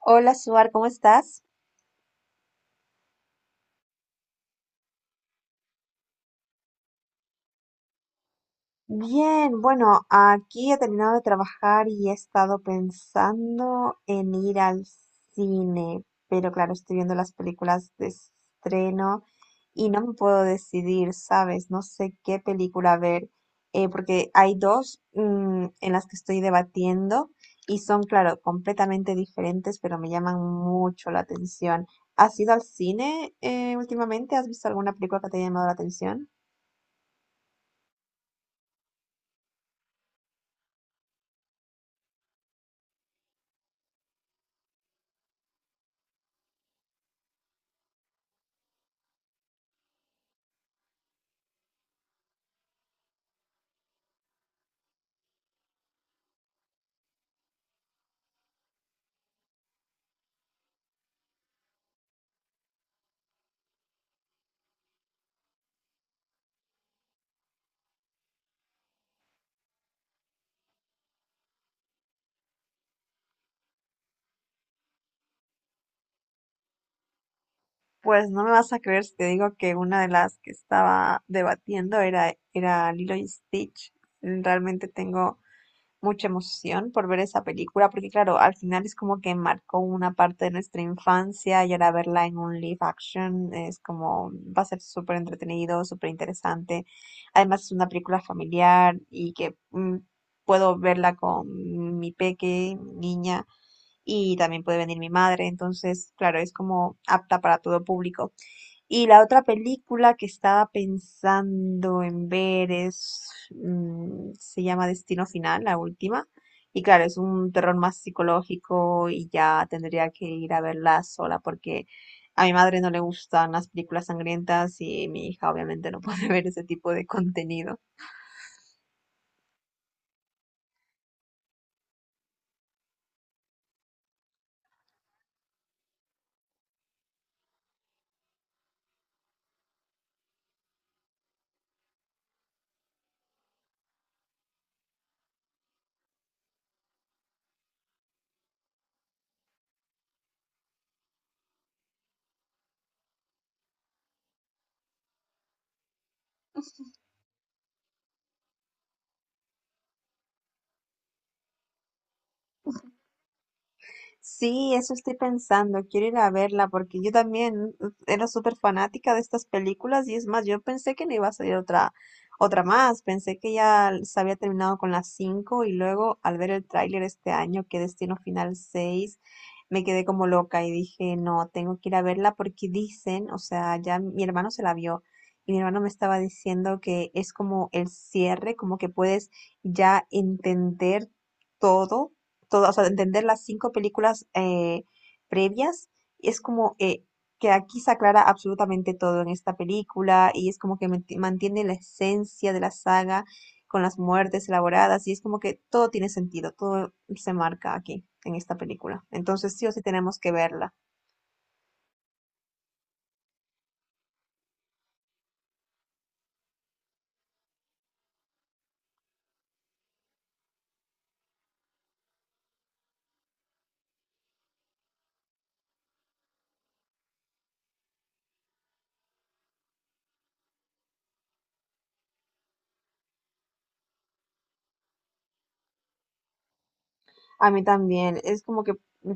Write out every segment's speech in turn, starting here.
Hola, Suar, ¿cómo estás? Bien, bueno, aquí he terminado de trabajar y he estado pensando en ir al cine, pero claro, estoy viendo las películas de estreno y no me puedo decidir, ¿sabes? No sé qué película ver, porque hay dos en las que estoy debatiendo y son, claro, completamente diferentes, pero me llaman mucho la atención. ¿Has ido al cine últimamente? ¿Has visto alguna película que te haya llamado la atención? Pues no me vas a creer si te digo que una de las que estaba debatiendo era Lilo y Stitch. Realmente tengo mucha emoción por ver esa película, porque claro, al final es como que marcó una parte de nuestra infancia y ahora verla en un live action es como, va a ser súper entretenido, súper interesante. Además es una película familiar y que puedo verla con mi peque, mi niña, y también puede venir mi madre, entonces, claro, es como apta para todo público. Y la otra película que estaba pensando en ver es, se llama Destino Final, la última. Y claro, es un terror más psicológico y ya tendría que ir a verla sola porque a mi madre no le gustan las películas sangrientas y mi hija obviamente no puede ver ese tipo de contenido. Sí, eso estoy pensando, quiero ir a verla porque yo también era súper fanática de estas películas y es más, yo pensé que no iba a salir otra más, pensé que ya se había terminado con las 5 y luego al ver el tráiler este año, ¿que Destino Final 6? Me quedé como loca y dije, no, tengo que ir a verla porque dicen, o sea, ya mi hermano se la vio y mi hermano me estaba diciendo que es como el cierre, como que puedes ya entender todo todas, o sea, entender las 5 películas previas, y es como que aquí se aclara absolutamente todo en esta película y es como que mantiene la esencia de la saga con las muertes elaboradas y es como que todo tiene sentido, todo se marca aquí en esta película. Entonces sí o sí tenemos que verla. A mí también. Es como que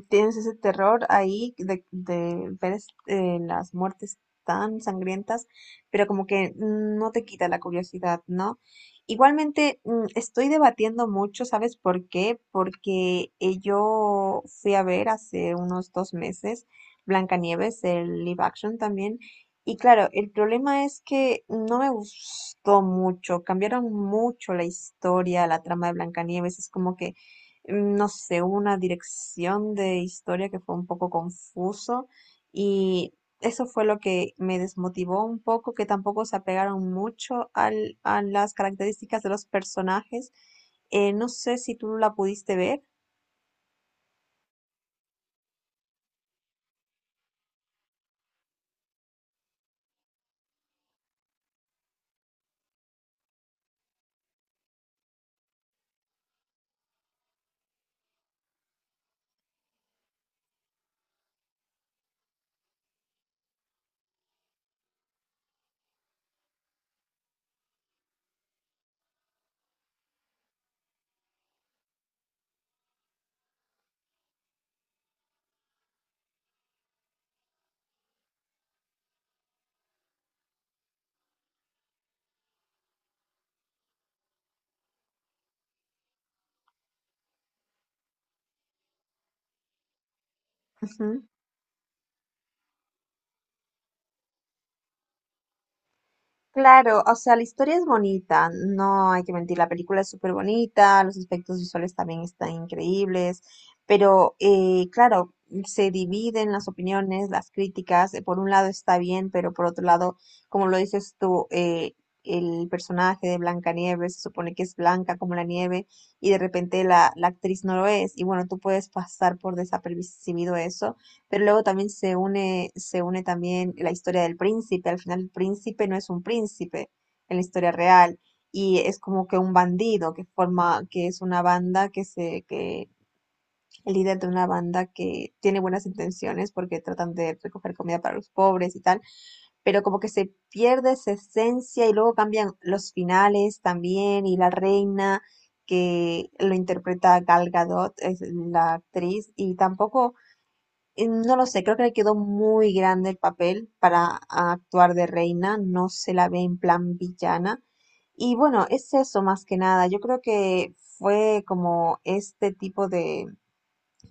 tienes ese terror ahí de ver las muertes tan sangrientas, pero como que no te quita la curiosidad, ¿no? Igualmente, estoy debatiendo mucho, ¿sabes por qué? Porque yo fui a ver hace unos 2 meses Blancanieves, el live action también. Y claro, el problema es que no me gustó mucho, cambiaron mucho la historia, la trama de Blancanieves, es como que no sé, hubo una dirección de historia que fue un poco confuso y eso fue lo que me desmotivó un poco, que tampoco se apegaron mucho a las características de los personajes. No sé si tú la pudiste ver. Claro, o sea, la historia es bonita, no hay que mentir, la película es súper bonita, los aspectos visuales también están increíbles, pero claro, se dividen las opiniones, las críticas, por un lado está bien, pero por otro lado, como lo dices tú, el personaje de Blancanieves se supone que es blanca como la nieve y de repente la actriz no lo es, y bueno, tú puedes pasar por desapercibido eso, pero luego también se une también la historia del príncipe. Al final el príncipe no es un príncipe en la historia real y es como que un bandido que es una banda que el líder de una banda que tiene buenas intenciones porque tratan de recoger comida para los pobres y tal, pero como que se pierde esa esencia y luego cambian los finales también y la reina que lo interpreta Gal Gadot, es la actriz, y tampoco no lo sé, creo que le quedó muy grande el papel para actuar de reina, no se la ve en plan villana. Y bueno, es eso más que nada. Yo creo que fue como este tipo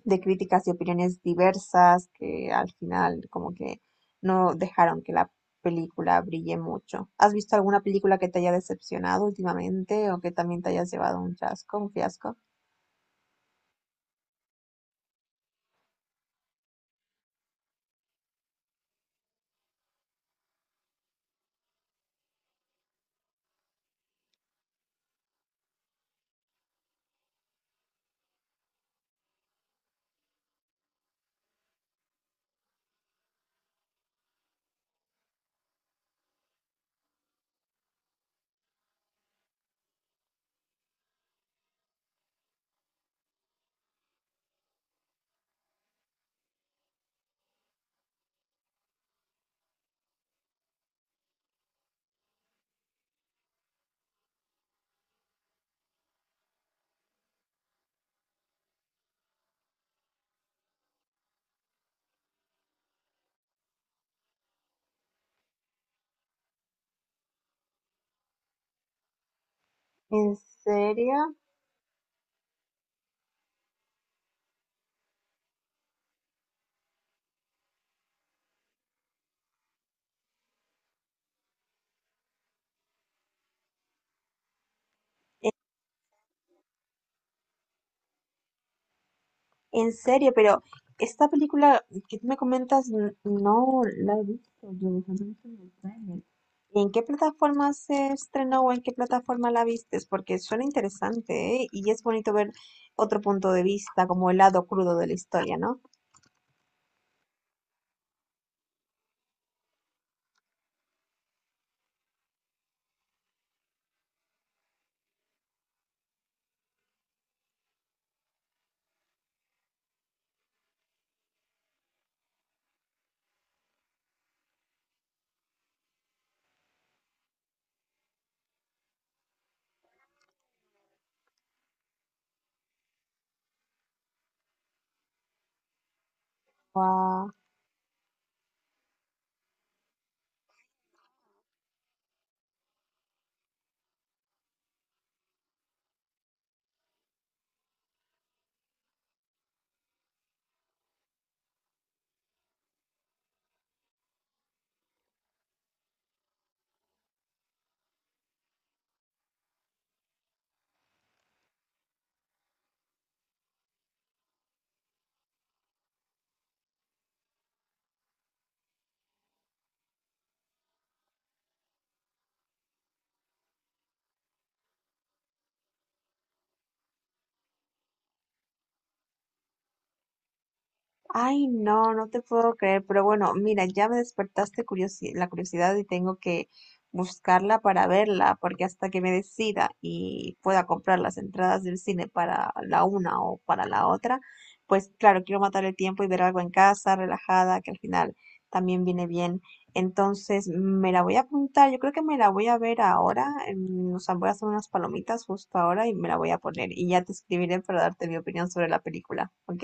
de críticas y opiniones diversas que al final como que no dejaron que la película brille mucho. ¿Has visto alguna película que te haya decepcionado últimamente o que también te hayas llevado un chasco, un fiasco? ¿En serio? En serio, pero esta película que tú me comentas, no la he visto yo, solo he visto el tráiler. ¿Y en qué plataforma se estrenó o en qué plataforma la vistes? Porque suena interesante, ¿eh? Y es bonito ver otro punto de vista, como el lado crudo de la historia, ¿no? Ay, no, no te puedo creer, pero bueno, mira, ya me despertaste la curiosidad y tengo que buscarla para verla, porque hasta que me decida y pueda comprar las entradas del cine para la una o para la otra, pues claro, quiero matar el tiempo y ver algo en casa, relajada, que al final también viene bien. Entonces, me la voy a apuntar, yo creo que me la voy a ver ahora, o sea, voy a hacer unas palomitas justo ahora y me la voy a poner y ya te escribiré para darte mi opinión sobre la película, ¿ok?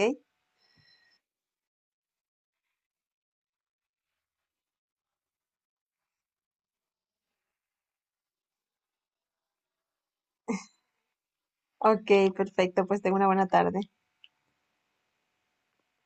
Ok, perfecto. Pues tengo una buena tarde.